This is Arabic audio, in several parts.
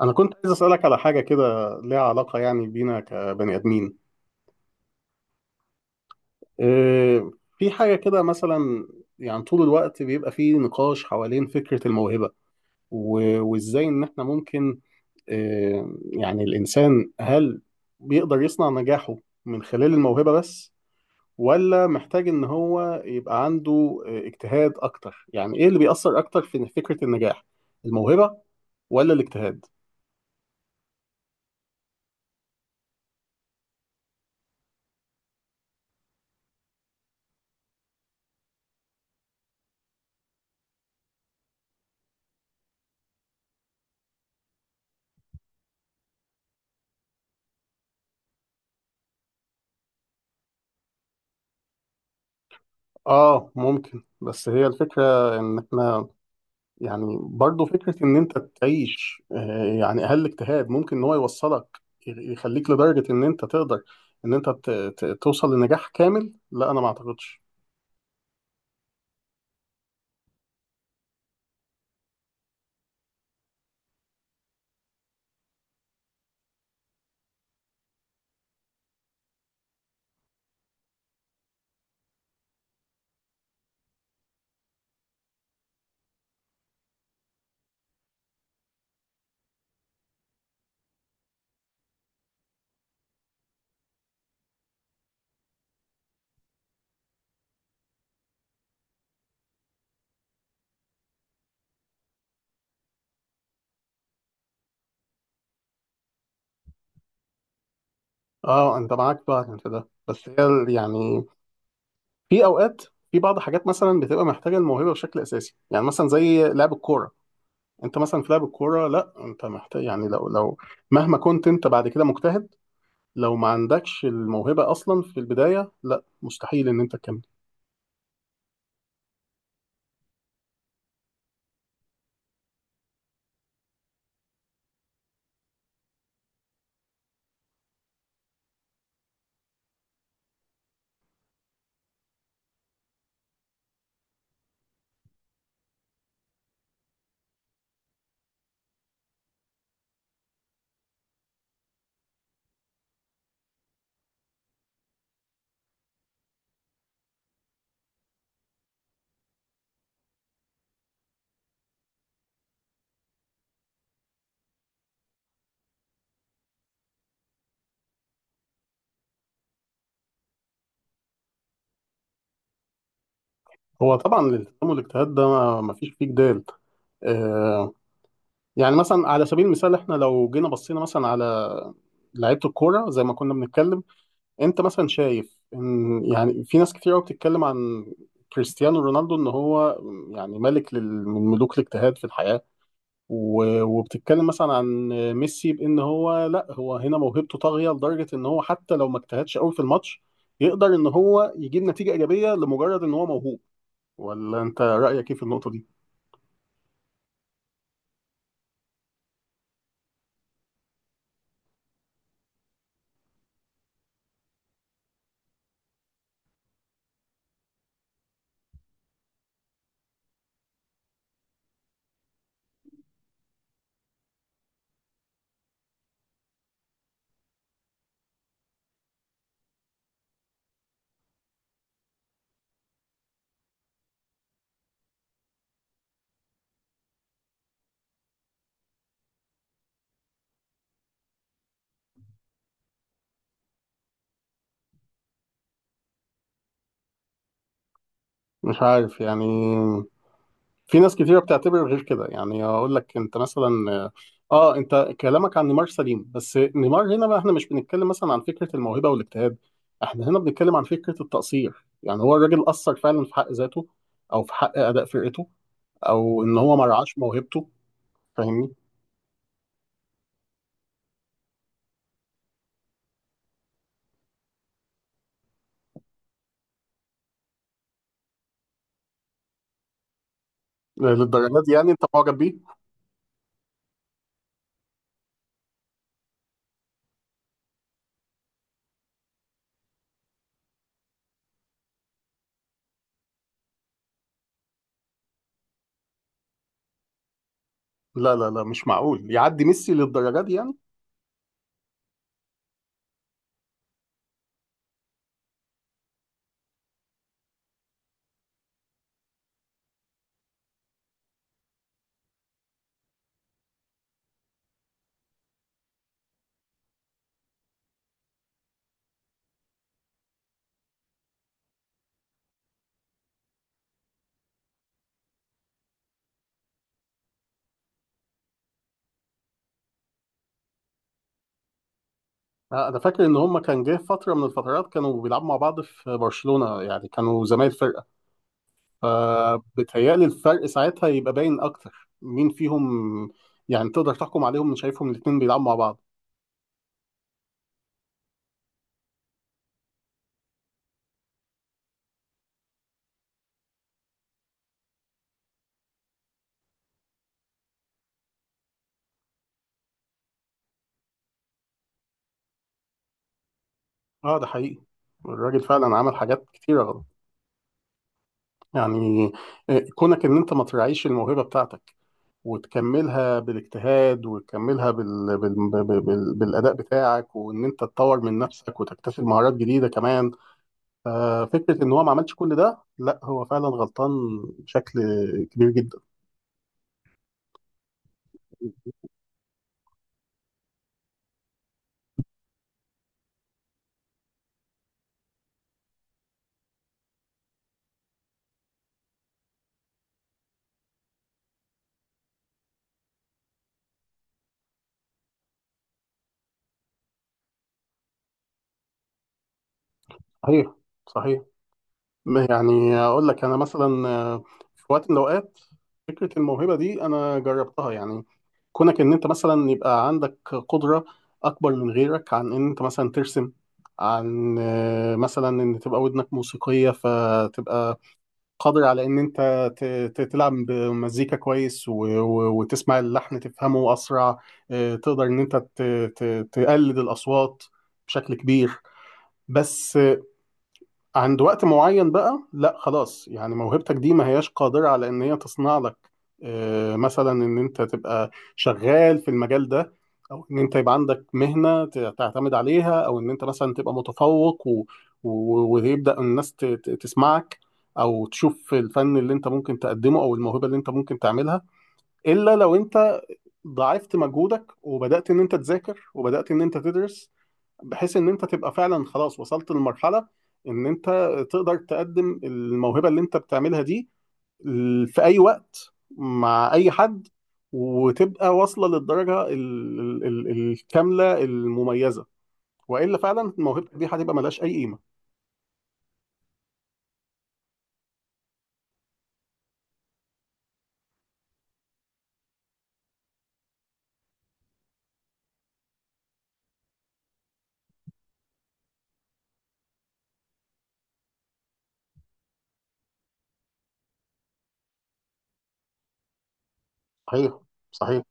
أنا كنت عايز أسألك على حاجة كده ليها علاقة يعني بينا كبني آدمين. إيه، في حاجة كده مثلا. يعني طول الوقت بيبقى فيه نقاش حوالين فكرة الموهبة و- وإزاي إن إحنا ممكن، إيه، يعني الإنسان هل بيقدر يصنع نجاحه من خلال الموهبة بس، ولا محتاج إن هو يبقى عنده اجتهاد أكتر. يعني إيه اللي بيأثر أكتر في فكرة النجاح، الموهبة ولا الاجتهاد؟ آه ممكن. بس هي الفكرة إن إحنا يعني برضه فكرة إن أنت تعيش يعني أقل اجتهاد ممكن إن هو يوصلك، يخليك لدرجة إن أنت تقدر، إن أنت توصل لنجاح كامل. لا أنا ما أعتقدش. أه أنت معاك بقى في ده. بس هي يعني في أوقات، في بعض حاجات مثلا بتبقى محتاجة الموهبة بشكل أساسي، يعني مثلا زي لعب الكورة. أنت مثلا في لعب الكورة، لا أنت محتاج، يعني لو مهما كنت أنت بعد كده مجتهد، لو ما عندكش الموهبة أصلا في البداية لا مستحيل إن أنت تكمل. هو طبعا الالتزام والاجتهاد ده ما فيش فيه جدال. آه، يعني مثلا على سبيل المثال احنا لو جينا بصينا مثلا على لعيبه الكوره زي ما كنا بنتكلم، انت مثلا شايف ان يعني في ناس كتير قوي بتتكلم عن كريستيانو رونالدو ان هو يعني ملك من ملوك الاجتهاد في الحياه، و- وبتتكلم مثلا عن ميسي بان هو لا، هو هنا موهبته طاغيه لدرجه ان هو حتى لو ما اجتهدش قوي في الماتش يقدر ان هو يجيب نتيجه ايجابيه لمجرد ان هو موهوب. ولا انت رأيك ايه في النقطة دي؟ مش عارف يعني، في ناس كتيرة بتعتبر غير كده. يعني اقول لك انت مثلا، اه انت كلامك عن نيمار سليم، بس نيمار هنا بقى احنا مش بنتكلم مثلا عن فكرة الموهبة والاجتهاد، احنا هنا بنتكلم عن فكرة التقصير. يعني هو الراجل قصر فعلا في حق ذاته او في حق اداء فرقته او ان هو ما رعاش موهبته. فاهمني؟ للدرجة دي يعني انت معجب بيه؟ لا، لا، لا، مش معقول يعدي ميسي للدرجة دي يعني. انا فاكر ان هما كان جه فتره من الفترات كانوا بيلعبوا مع بعض في برشلونه، يعني كانوا زمايل فرقه. فبتهيألي الفرق ساعتها يبقى باين اكتر مين فيهم. يعني تقدر تحكم عليهم من شايفهم الاتنين بيلعبوا مع بعض. اه ده حقيقي، الراجل فعلا عمل حاجات كتيره غلط، يعني كونك ان انت ما تراعيش الموهبه بتاعتك وتكملها بالاجتهاد وتكملها بالاداء بتاعك، وان انت تطور من نفسك وتكتسب مهارات جديده كمان. ففكرة إن هو ما عملش كل ده، لا هو فعلا غلطان بشكل كبير جدا. صحيح، صحيح. يعني أقول لك أنا مثلا، في وقت من الأوقات فكرة الموهبة دي أنا جربتها، يعني كونك إن أنت مثلا يبقى عندك قدرة أكبر من غيرك، عن إن أنت مثلا ترسم، عن مثلا إن تبقى ودنك موسيقية فتبقى قادر على ان انت ت- تلعب بمزيكا كويس، و- و- وتسمع اللحن تفهمه اسرع. تقدر ان انت تقلد الاصوات بشكل كبير. بس عند وقت معين بقى لا خلاص، يعني موهبتك دي ما هياش قادرة على ان هي تصنع لك مثلا ان انت تبقى شغال في المجال ده، او ان انت يبقى عندك مهنة تعتمد عليها، او ان انت مثلا تبقى متفوق و... و... ويبدأ الناس تسمعك، او تشوف الفن اللي انت ممكن تقدمه او الموهبة اللي انت ممكن تعملها، الا لو انت ضاعفت مجهودك وبدأت ان انت تذاكر وبدأت ان انت تدرس، بحيث ان انت تبقى فعلا خلاص وصلت لمرحلة ان انت تقدر تقدم الموهبة اللي انت بتعملها دي في اي وقت مع اي حد، وتبقى واصلة للدرجة الكاملة المميزة. والا فعلا موهبتك دي هتبقى ملهاش اي قيمة. صحيح، صحيح،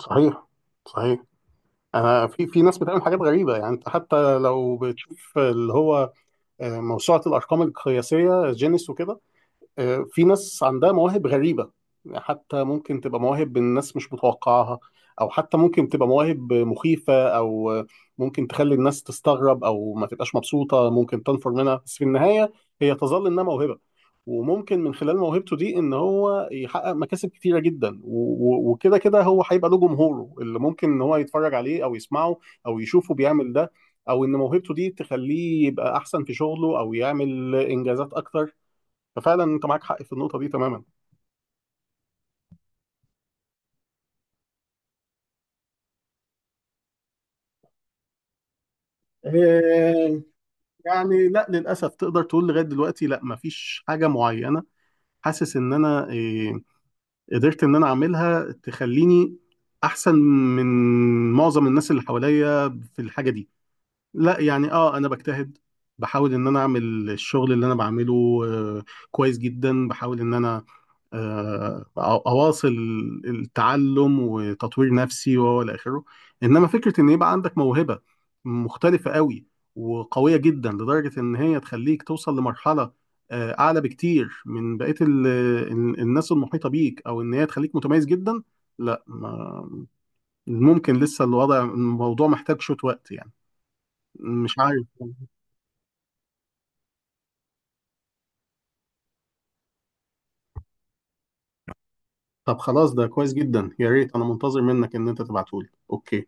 صحيح، صحيح. انا في ناس بتعمل حاجات غريبه، يعني انت حتى لو بتشوف اللي هو موسوعه الارقام القياسيه جينيس وكده. في ناس عندها مواهب غريبة، حتى ممكن تبقى مواهب الناس مش متوقعها، أو حتى ممكن تبقى مواهب مخيفة، أو ممكن تخلي الناس تستغرب أو ما تبقاش مبسوطة، ممكن تنفر منها. بس في النهاية هي تظل إنها موهبة، وممكن من خلال موهبته دي إن هو يحقق مكاسب كتيرة جدا، و- و- وكده كده هو هيبقى له جمهوره اللي ممكن إن هو يتفرج عليه أو يسمعه أو يشوفه بيعمل ده، أو إن موهبته دي تخليه يبقى أحسن في شغله أو يعمل إنجازات أكتر. ففعلا انت معاك حق في النقطه دي تماما. آه، يعني لا، للاسف تقدر تقول لغايه دلوقتي لا، مفيش حاجه معينه حاسس ان انا قدرت ان انا اعملها تخليني احسن من معظم الناس اللي حواليا في الحاجه دي. لا يعني اه انا بجتهد، بحاول ان انا اعمل الشغل اللي انا بعمله آه، كويس جدا، بحاول ان انا آه، أو- اواصل التعلم وتطوير نفسي وهو الى اخره. انما فكره ان يبقى عندك موهبه مختلفه قوي وقويه جدا لدرجه ان هي تخليك توصل لمرحله اعلى بكتير من بقيه الناس المحيطه بيك، او ان هي تخليك متميز جدا. لا ممكن لسه الموضوع محتاج شويه وقت، يعني مش عارف. طب خلاص ده كويس جدا، يا ريت انا منتظر منك ان انت تبعتهولي اوكي.